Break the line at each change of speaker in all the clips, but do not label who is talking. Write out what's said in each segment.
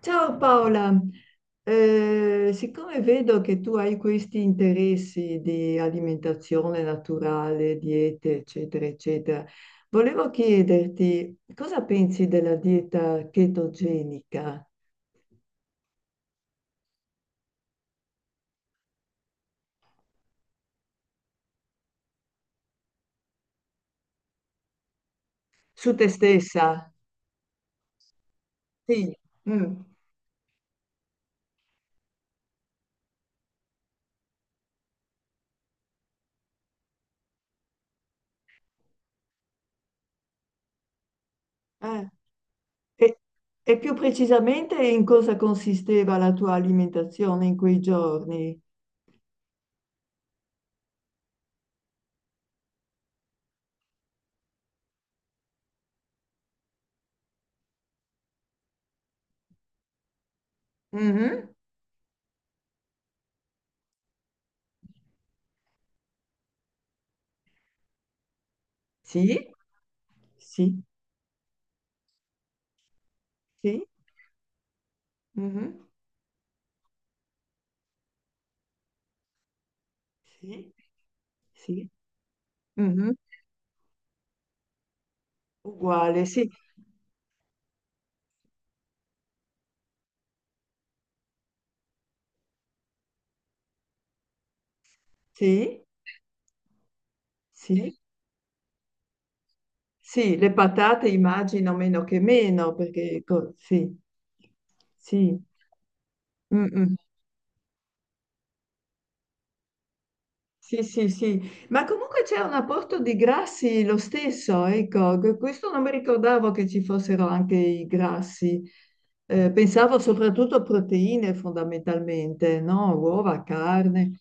Ciao Paola. Siccome vedo che tu hai questi interessi di alimentazione naturale, diete, eccetera, eccetera, volevo chiederti cosa pensi della dieta chetogenica su te stessa? Sì. Mm. Eh, E, e più precisamente in cosa consisteva la tua alimentazione in quei giorni? Mhm. Sì, sì, sì, mhm. Sì, sì. Mm-hmm. Uguale, sì, sì, sì, sì, le patate immagino meno che meno, perché sì, sì, mm, mm. Sì, sì, sì, ma comunque c'è un apporto di grassi lo stesso, ecco, questo non mi ricordavo che ci fossero anche i grassi. Pensavo soprattutto a proteine fondamentalmente, no? Uova, carne.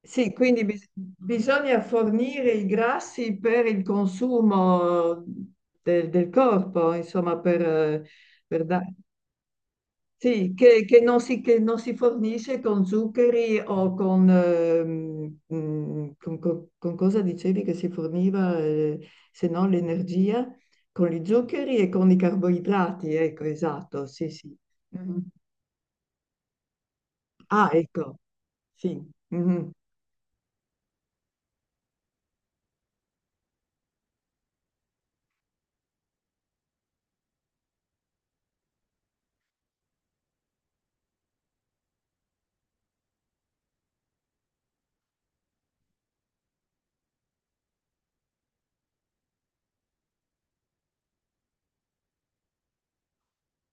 Sì, quindi bisogna fornire i grassi per il consumo del corpo, insomma, per sì, che non si fornisce con zuccheri o con, con, con cosa dicevi che si forniva, se no l'energia, con gli zuccheri e con i carboidrati, ecco, esatto, sì, sì. Mhm. Ah, ecco, sì. Mhm.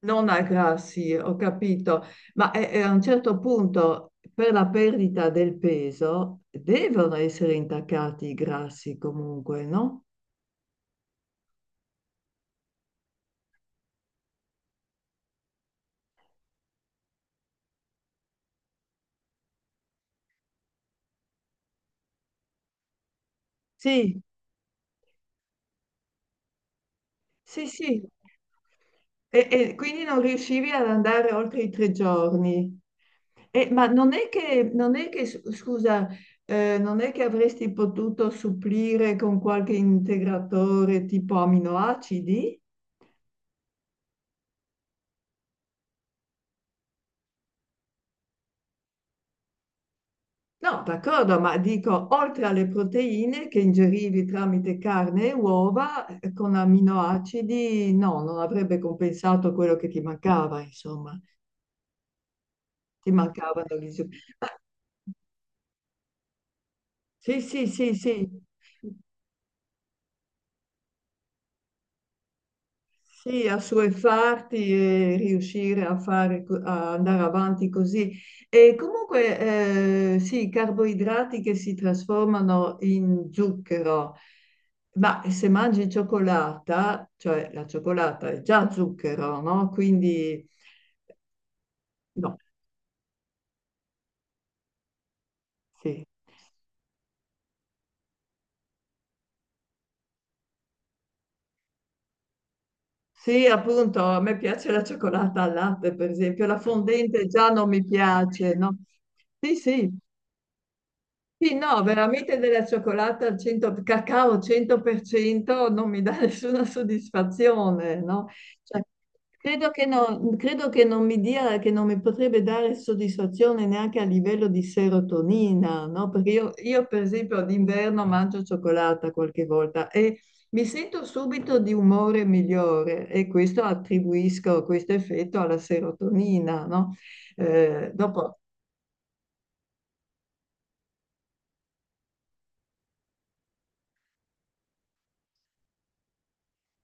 Non aggrassi, ho capito, ma a un certo punto per la perdita del peso devono essere intaccati i grassi comunque, no? Sì, sì, sì. E quindi non riuscivi ad andare oltre i 3 giorni. Ma non è che, non è che, scusa, non è che avresti potuto supplire con qualche integratore tipo aminoacidi? No, d'accordo, ma dico, oltre alle proteine che ingerivi tramite carne e uova, con aminoacidi, no, non avrebbe compensato quello che ti mancava, insomma, ti mancavano gli zuccheri. Ah. Sì, sì, sì, sì. Sì, assuefarti e riuscire a fare, a andare avanti così. E comunque, sì, i carboidrati che si trasformano in zucchero, ma se mangi cioccolata, cioè la cioccolata è già zucchero, no? Quindi, no, sì. Sì, appunto, a me piace la cioccolata al latte, per esempio, la fondente già non mi piace, no? Sì, sì. Sì, no, veramente della cioccolata al 100, cacao al 100% non mi dà nessuna soddisfazione, no? Cioè, credo che non mi dia, che non mi potrebbe dare soddisfazione neanche a livello di serotonina, no? Perché io, per esempio d'inverno mangio cioccolata qualche volta e mi sento subito di umore migliore e questo attribuisco questo effetto alla serotonina, no? Dopo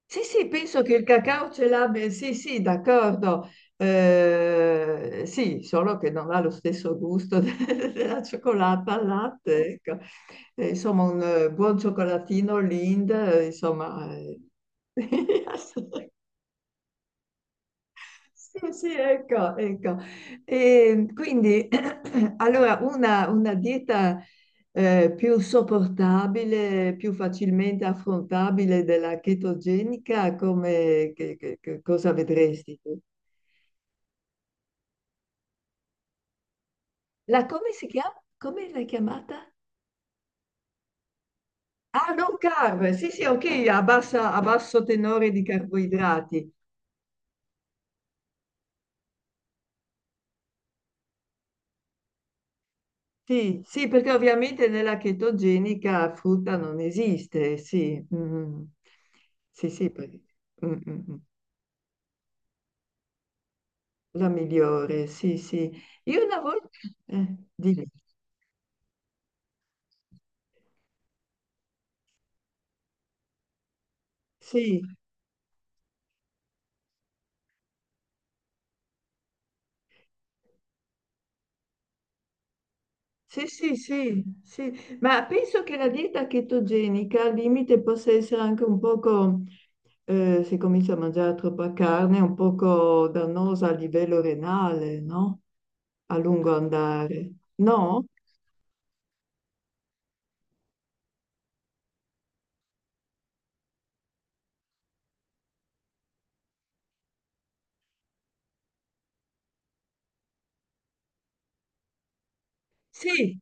sì, sì, penso che il cacao ce l'abbia, sì, sì, d'accordo. Sì, solo che non ha lo stesso gusto della cioccolata al latte, ecco. Insomma, un buon cioccolatino Lind, sì, sì, ecco, ecco. E quindi, allora, una dieta più sopportabile, più facilmente affrontabile della chetogenica, come, che cosa vedresti tu? La, come si chiama? Come l'hai chiamata? Ah, non carb, sì, sì, ok, a, a basso tenore di carboidrati. Sì, sì, perché ovviamente nella chetogenica frutta non esiste, sì, mm. Sì, sì, perché- mm, mm, mm. La migliore, sì, sì. Io una volta, dimmi. Sì, sì, sì, sì, sì, ma penso che la dieta chetogenica al limite possa essere anche un poco, se comincia a mangiare troppa carne, un poco dannosa a livello renale, no? A lungo andare. No? Sì,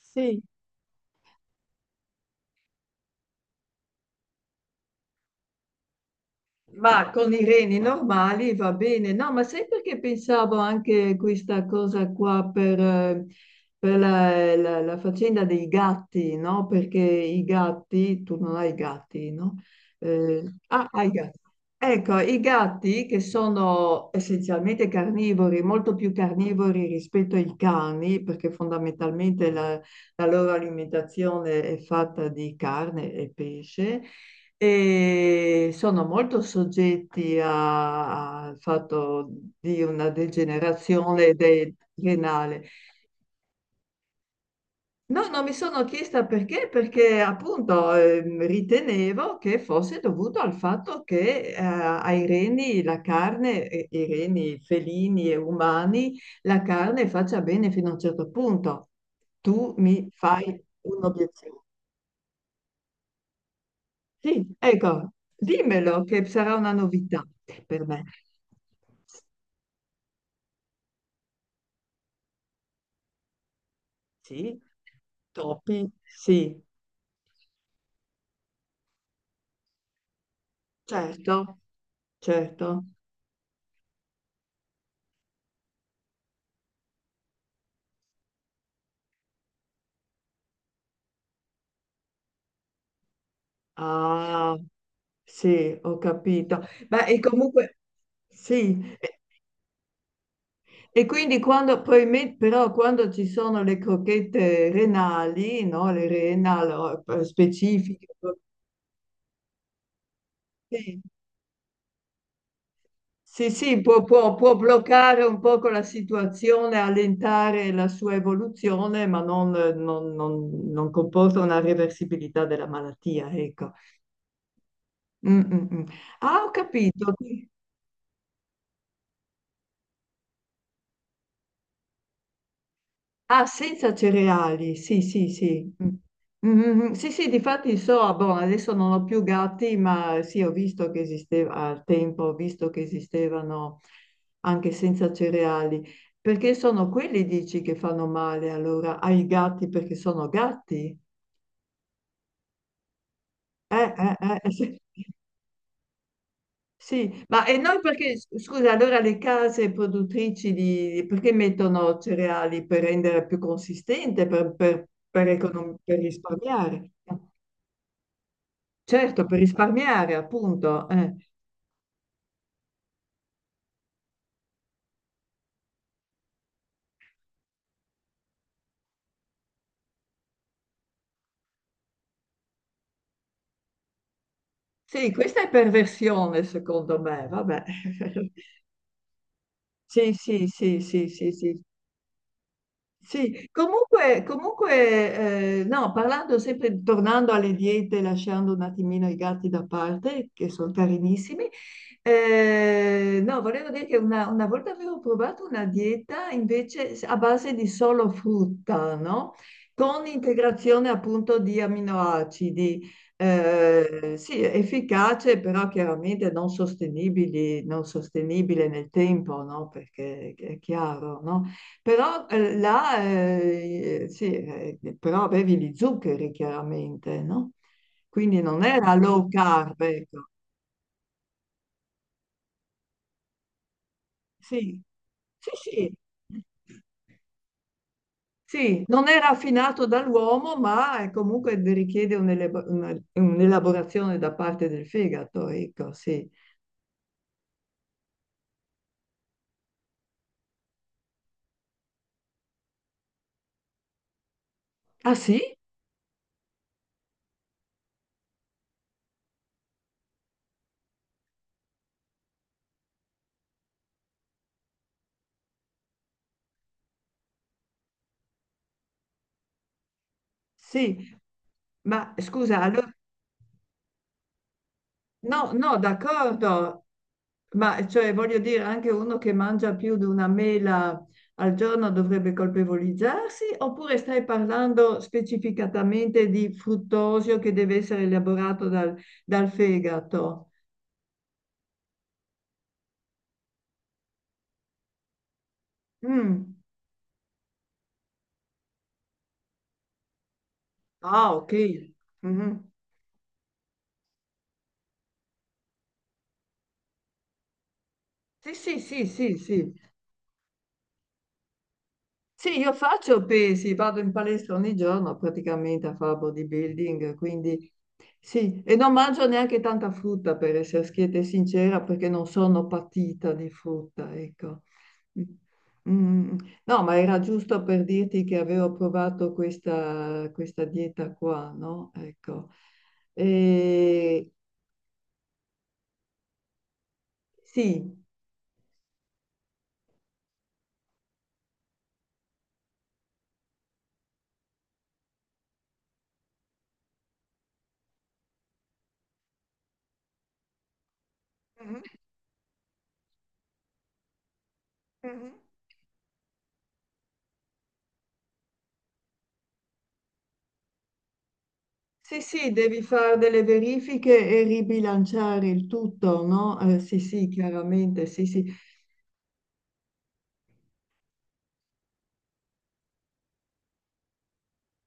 sì. Ma con i reni normali va bene, no, ma sai perché pensavo anche questa cosa qua per la faccenda dei gatti, no? Perché i gatti, tu non hai gatti, no? Ah, hai gatti. Ecco, i gatti che sono essenzialmente carnivori, molto più carnivori rispetto ai cani, perché fondamentalmente la loro alimentazione è fatta di carne e pesce e sono molto soggetti al fatto di una degenerazione renale. No, non mi sono chiesta perché, perché appunto ritenevo che fosse dovuto al fatto che ai reni la carne, i reni felini e umani, la carne faccia bene fino a un certo punto. Tu mi fai un'obiezione. Sì, ecco, dimmelo che sarà una novità per me. Sì, Top. Topi, sì. Certo. Certo. Ah, sì, ho capito. Ma e comunque, sì, e quindi quando, probabilmente, però quando ci sono le crochette renali, no, le renal specifiche, sì, sì, sì, può, può bloccare un poco la situazione, allentare la sua evoluzione, ma non, non comporta una reversibilità della malattia, ecco. Mm, mm, mm. Ah, ho capito. Ah, senza cereali, sì, sì, sì. Mm. Mm, mm, mm. Sì, sì, difatti so, ah, boh, adesso non ho più gatti, ma sì, ho visto che esisteva al tempo, ho visto che esistevano anche senza cereali. Perché sono quelli, dici, che fanno male allora ai gatti perché sono gatti? Eh, eh, eh, sì. Sì, ma e noi perché, scusa, allora le case produttrici di, perché mettono cereali per rendere più consistente, per, per per risparmiare? Certo, per risparmiare, appunto. Sì, questa è perversione, secondo me, vabbè. Sì, sì, sì, sì, sì, sì. Sì, comunque, comunque no, parlando sempre, tornando alle diete, lasciando un attimino i gatti da parte, che sono carinissimi, no, volevo dire che una volta avevo provato una dieta invece a base di solo frutta, no? Con integrazione appunto di aminoacidi, sì, efficace, però chiaramente non sostenibili, non sostenibile nel tempo, no? Perché è chiaro, no? Però là, però avevi gli zuccheri chiaramente, no? Quindi non era low carb, ecco. Sì, sì, sì. Sì, non è raffinato dall'uomo, ma comunque richiede un'elaborazione da parte del fegato, ecco, sì. Ah sì? Sì. Ma scusa, allora no, no, d'accordo, ma cioè voglio dire, anche uno che mangia più di una mela al giorno dovrebbe colpevolizzarsi, oppure stai parlando specificatamente di fruttosio che deve essere elaborato dal, dal fegato? Mm. Ah, ok. Mhm. Sì, sì, sì, sì, sì. Sì, io faccio pesi, vado in palestra ogni giorno praticamente a fare bodybuilding, quindi sì, e non mangio neanche tanta frutta per essere schietta e sincera, perché non sono patita di frutta, ecco. Mm, no, ma era giusto per dirti che avevo provato questa dieta qua, no? Ecco. E, sì. Mhm, mhm. Sì, sì, devi fare delle verifiche e ribilanciare il tutto, no? Sì, sì, chiaramente, sì, sì.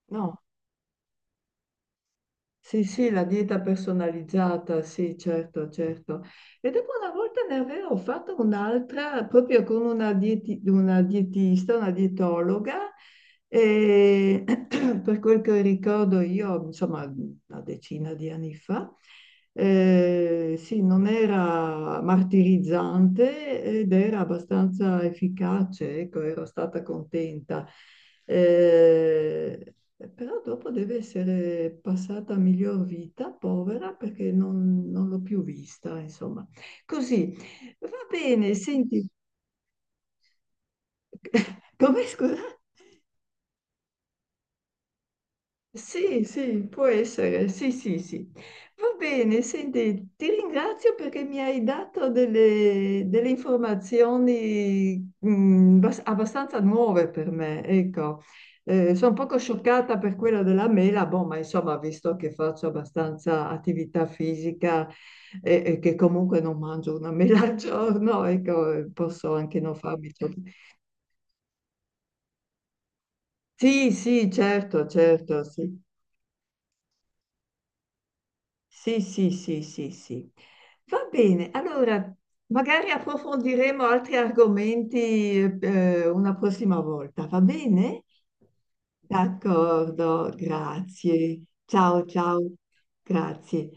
No, sì, sì, la dieta personalizzata, sì, certo, certo. E dopo una volta ne avevo fatto un'altra proprio con una, una dietista, una dietologa, e per quel che ricordo io, insomma, una decina di anni fa, sì, non era martirizzante ed era abbastanza efficace, ecco, ero stata contenta. Eh, Però dopo deve essere passata a miglior vita, povera, perché non, non l'ho più vista, insomma. Così, va bene, senti, come scusa? Sì, sì, può essere, sì, sì, sì. Va bene, senti, ti ringrazio perché mi hai dato delle, delle informazioni abbastanza nuove per me, ecco. Sono un poco scioccata per quella della mela, boh, ma insomma, visto che faccio abbastanza attività fisica e che comunque non mangio una mela al giorno, ecco, posso anche non farmi. Sì, sì, certo, certo, sì. Sì, sì, sì, sì, sì. Va bene, allora magari approfondiremo altri argomenti una prossima volta, va bene? D'accordo, grazie. Ciao, ciao, grazie.